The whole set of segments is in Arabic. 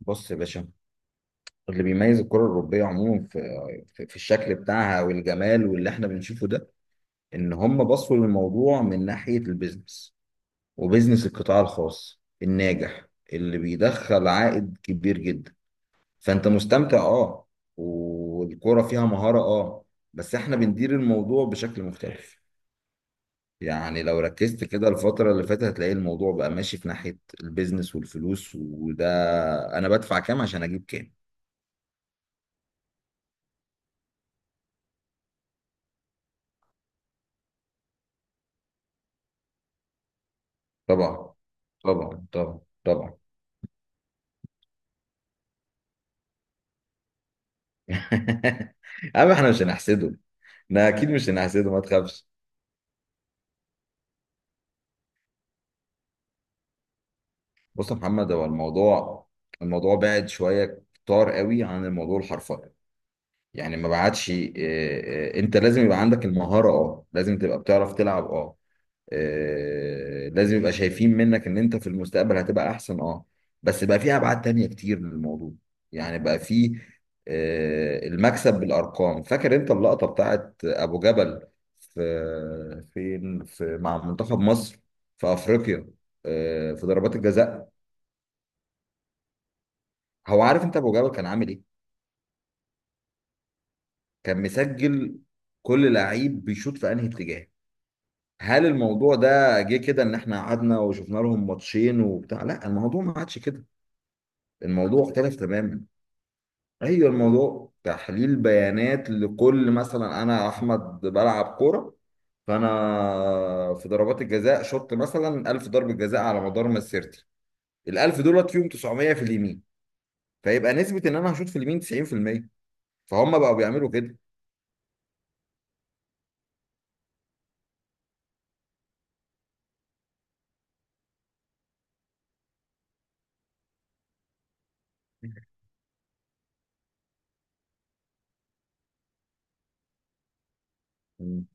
بص يا باشا، اللي بيميز الكرة الأوروبية عموما في الشكل بتاعها والجمال واللي احنا بنشوفه ده، إن هم بصوا للموضوع من ناحية البيزنس، وبيزنس القطاع الخاص الناجح اللي بيدخل عائد كبير جدا. فأنت مستمتع أه، والكرة فيها مهارة أه، بس احنا بندير الموضوع بشكل مختلف. يعني لو ركزت كده الفترة اللي فاتت هتلاقي الموضوع بقى ماشي في ناحية البيزنس والفلوس وده، أنا بدفع كام عشان أجيب كام. طبعا، طبعا، طبعا، طبعا. أما احنا مش هنحسده. لا اكيد مش هنحسده ما تخافش. بص يا محمد، هو الموضوع، الموضوع بعد شويه كتار قوي عن الموضوع الحرفي. يعني ما بعدش انت لازم يبقى عندك المهاره اه، لازم تبقى بتعرف تلعب اه، لازم يبقى شايفين منك ان انت في المستقبل هتبقى احسن اه، بس بقى في ابعاد تانية كتير للموضوع. يعني بقى في المكسب بالارقام. فاكر انت اللقطة بتاعت ابو جبل في فين في مع منتخب مصر في افريقيا، في ضربات الجزاء؟ هو عارف انت ابو جبل كان عامل ايه؟ كان مسجل كل لعيب بيشوط في انهي اتجاه. هل الموضوع ده جه كده ان احنا قعدنا وشفنا لهم ماتشين وبتاع؟ لا الموضوع ما عادش كده، الموضوع اختلف تماما. ايوه، الموضوع تحليل بيانات. لكل مثلا انا احمد بلعب كوره، فانا في ضربات الجزاء شوط مثلا 1000 ضربه جزاء على مدار مسيرتي. ال1000 دولت فيهم 900 في اليمين، فيبقى نسبه ان انا هشوط في اليمين 90%. فهم بقوا بيعملوا كده. مم.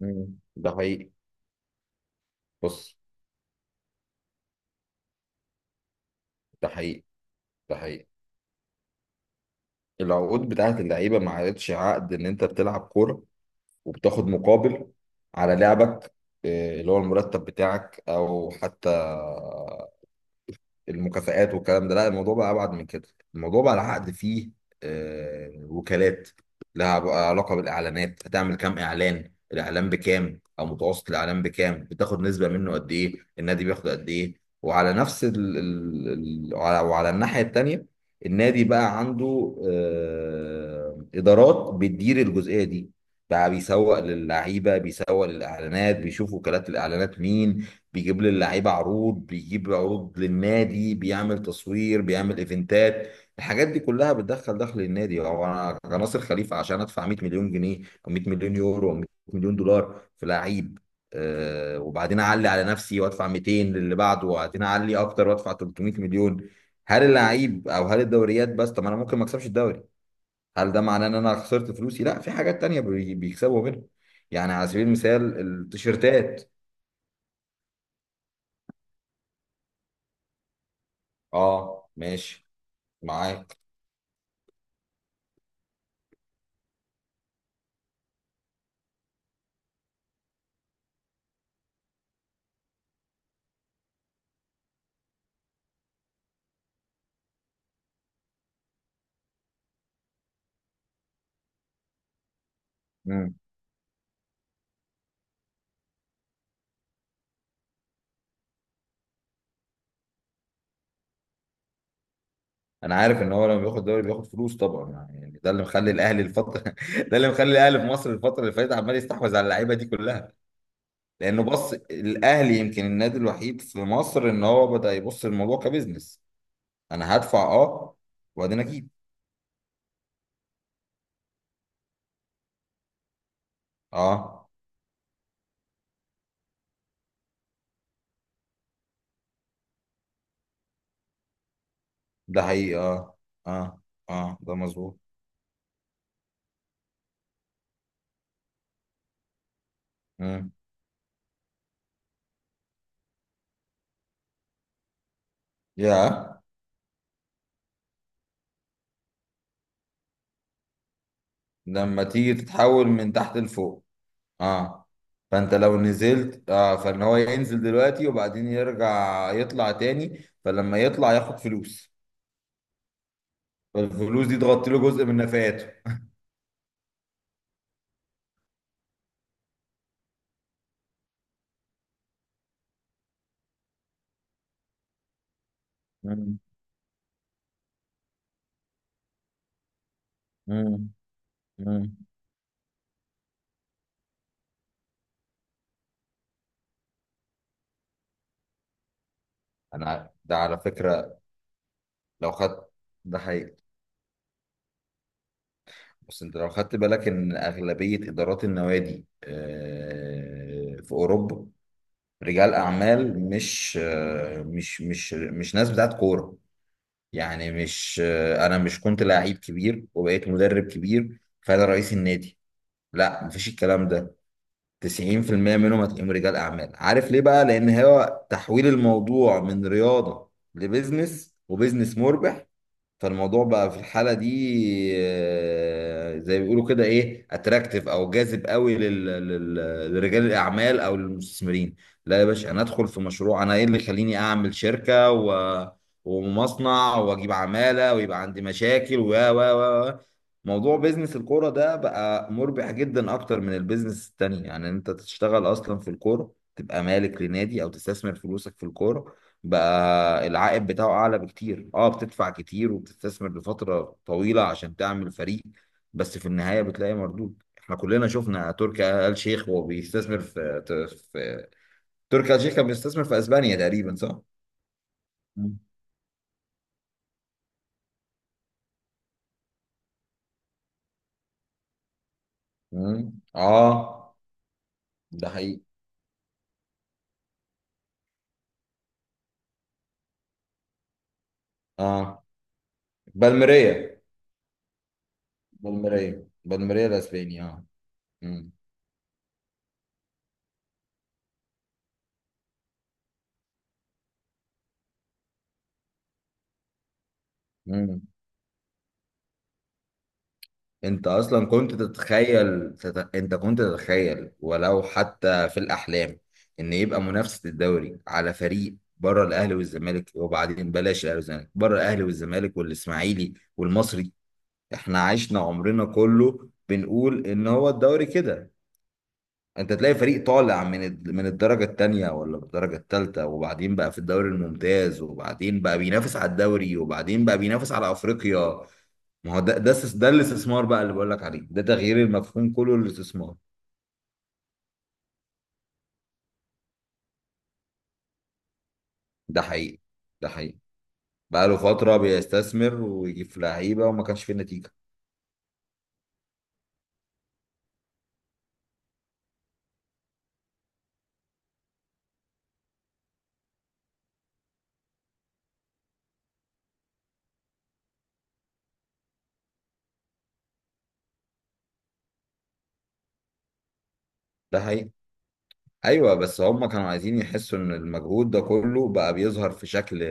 مم. ده حقيقي. بص، ده حقيقي، ده حقيقي. العقود بتاعت اللعيبه ما عادتش عقد ان انت بتلعب كوره وبتاخد مقابل على لعبك، اللي هو المرتب بتاعك او حتى المكافآت والكلام ده. لا الموضوع بقى ابعد من كده، الموضوع بقى العقد فيه وكالات، لها بقى علاقه بالاعلانات. هتعمل كام اعلان؟ الاعلان بكام او متوسط الاعلان بكام؟ بتاخد نسبه منه قد ايه؟ النادي بياخد قد ايه؟ وعلى نفس وعلى الناحيه التانيه، النادي بقى عنده ادارات بتدير الجزئيه دي، بقى بيسوق للعيبه، بيسوق للاعلانات، بيشوف وكالات الاعلانات مين، بيجيب للعيبه عروض، بيجيب عروض للنادي، بيعمل تصوير، بيعمل ايفنتات. الحاجات دي كلها بتدخل دخل النادي. هو انا كناصر خليفه عشان ادفع 100 مليون جنيه او 100 مليون يورو او 100 مليون دولار في لعيب، آه، وبعدين اعلي على نفسي وادفع 200 للي بعده، وبعدين اعلي اكتر وادفع 300 مليون، هل اللعيب او هل الدوريات بس؟ طب ما انا ممكن ما اكسبش الدوري، هل ده معناه ان انا خسرت فلوسي؟ لا، في حاجات تانية بيكسبوا منها. يعني على سبيل المثال التيشيرتات. اه ماشي. معاك. مم. انا عارف ان هو لما بياخد دوري بياخد فلوس طبعا. يعني ده اللي مخلي الاهلي الفتره ده اللي مخلي الاهلي في مصر الفتره اللي فاتت عمال يستحوذ على اللعيبه دي كلها. لانه بص، الاهلي يمكن النادي الوحيد في مصر ان هو بدا يبص للموضوع كبزنس. انا هدفع اه وبعدين اجيب. اه، ده حقيقي اه، اه، اه ده مظبوط. مم. يا لما تيجي تتحول من تحت لفوق. اه، فانت لو نزلت اه، فان هو ينزل دلوقتي وبعدين يرجع يطلع تاني، فلما يطلع ياخد فلوس، فالفلوس دي تغطي له جزء من نفقاته. مم. مم. مم. ده على فكرة لو خدت. ده حقيقي. بس انت لو خدت بالك ان اغلبية ادارات النوادي في اوروبا رجال اعمال، مش مش ناس بتاعت كورة. يعني مش انا مش كنت لعيب كبير وبقيت مدرب كبير فانا رئيس النادي. لا مفيش الكلام ده، 90% منهم هتلاقيهم رجال اعمال. عارف ليه بقى؟ لان هو تحويل الموضوع من رياضة لبزنس، وبزنس مربح. فالموضوع بقى في الحالة دي زي ما بيقولوا كده ايه، اتراكتيف او جاذب قوي لرجال الاعمال او للمستثمرين. لا يا باشا، انا ادخل في مشروع، انا ايه اللي يخليني اعمل شركة ومصنع واجيب عمالة ويبقى عندي مشاكل و و و و. موضوع بيزنس الكورة ده بقى مربح جدا اكتر من البيزنس التاني. يعني انت تشتغل اصلا في الكورة، تبقى مالك لنادي او تستثمر فلوسك في الكورة، بقى العائد بتاعه اعلى بكتير. اه بتدفع كتير وبتستثمر لفترة طويلة عشان تعمل فريق، بس في النهاية بتلاقي مردود. احنا كلنا شفنا تركي آل شيخ وهو بيستثمر في تركي آل شيخ كان بيستثمر في اسبانيا تقريبا صح؟ مم. مم. اه ده حقيقي اه. بالميريا، بالميريا الاسباني اه. مم. مم. انت اصلا كنت تتخيل انت كنت تتخيل ولو حتى في الاحلام ان يبقى منافسه الدوري على فريق بره الاهلي والزمالك؟ وبعدين بلاش الاهلي والزمالك، بره الاهلي والزمالك والاسماعيلي والمصري. احنا عشنا عمرنا كله بنقول ان هو الدوري كده. انت تلاقي فريق طالع من من الدرجه الثانيه ولا الدرجه الثالثه، وبعدين بقى في الدوري الممتاز، وبعدين بقى بينافس على الدوري، وبعدين بقى بينافس على افريقيا. ما هو ده، ده الاستثمار بقى اللي بقول لك عليه، ده تغيير المفهوم كله للاستثمار. ده حقيقي، ده حقيقي. بقى له فترة بيستثمر ويجيب في لعيبة وما كانش فيه نتيجة. ده حقيقي. ايوه بس هم كانوا عايزين يحسوا ان المجهود ده كله بقى بيظهر في شكل،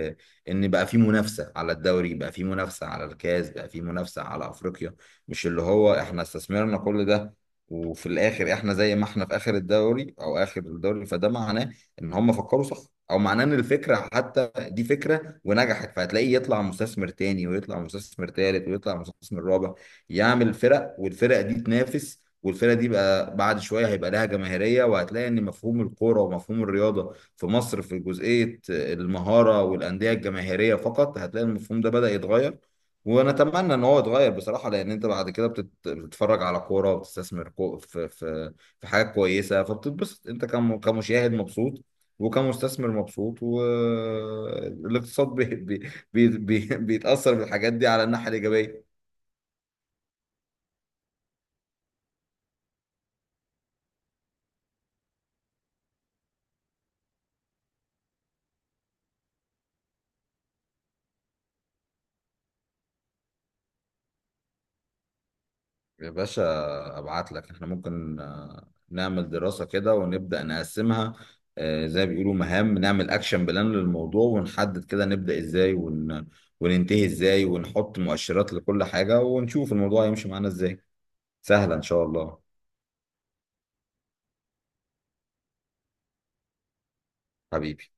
ان بقى في منافسه على الدوري، بقى في منافسه على الكاس، بقى في منافسه على افريقيا. مش اللي هو احنا استثمرنا كل ده وفي الاخر احنا زي ما احنا في اخر الدوري او اخر الدوري. فده معناه ان هم فكروا صح، او معناه ان الفكره حتى دي فكره ونجحت. فهتلاقيه يطلع مستثمر تاني ويطلع مستثمر تالت ويطلع مستثمر رابع يعمل فرق، والفرق دي تنافس، والفرقه دي بقى بعد شويه هيبقى لها جماهيريه. وهتلاقي ان مفهوم الكوره ومفهوم الرياضه في مصر في جزئيه المهاره والانديه الجماهيريه فقط، هتلاقي المفهوم ده بدأ يتغير. ونتمنى ان هو يتغير بصراحه، لان انت بعد كده بتتفرج على كوره وبتستثمر في حاجات كويسه، فبتتبسط انت كمشاهد مبسوط، وكمستثمر مبسوط، والاقتصاد بي بي بي بي بيتأثر بالحاجات دي على الناحية الإيجابية. يا باشا، ابعت لك، احنا ممكن نعمل دراسة كده ونبدأ نقسمها، زي ما بيقولوا مهام، نعمل اكشن بلان للموضوع ونحدد كده نبدأ ازاي وننتهي ازاي ونحط مؤشرات لكل حاجة ونشوف الموضوع يمشي معانا ازاي. سهلة ان شاء الله. حبيبي.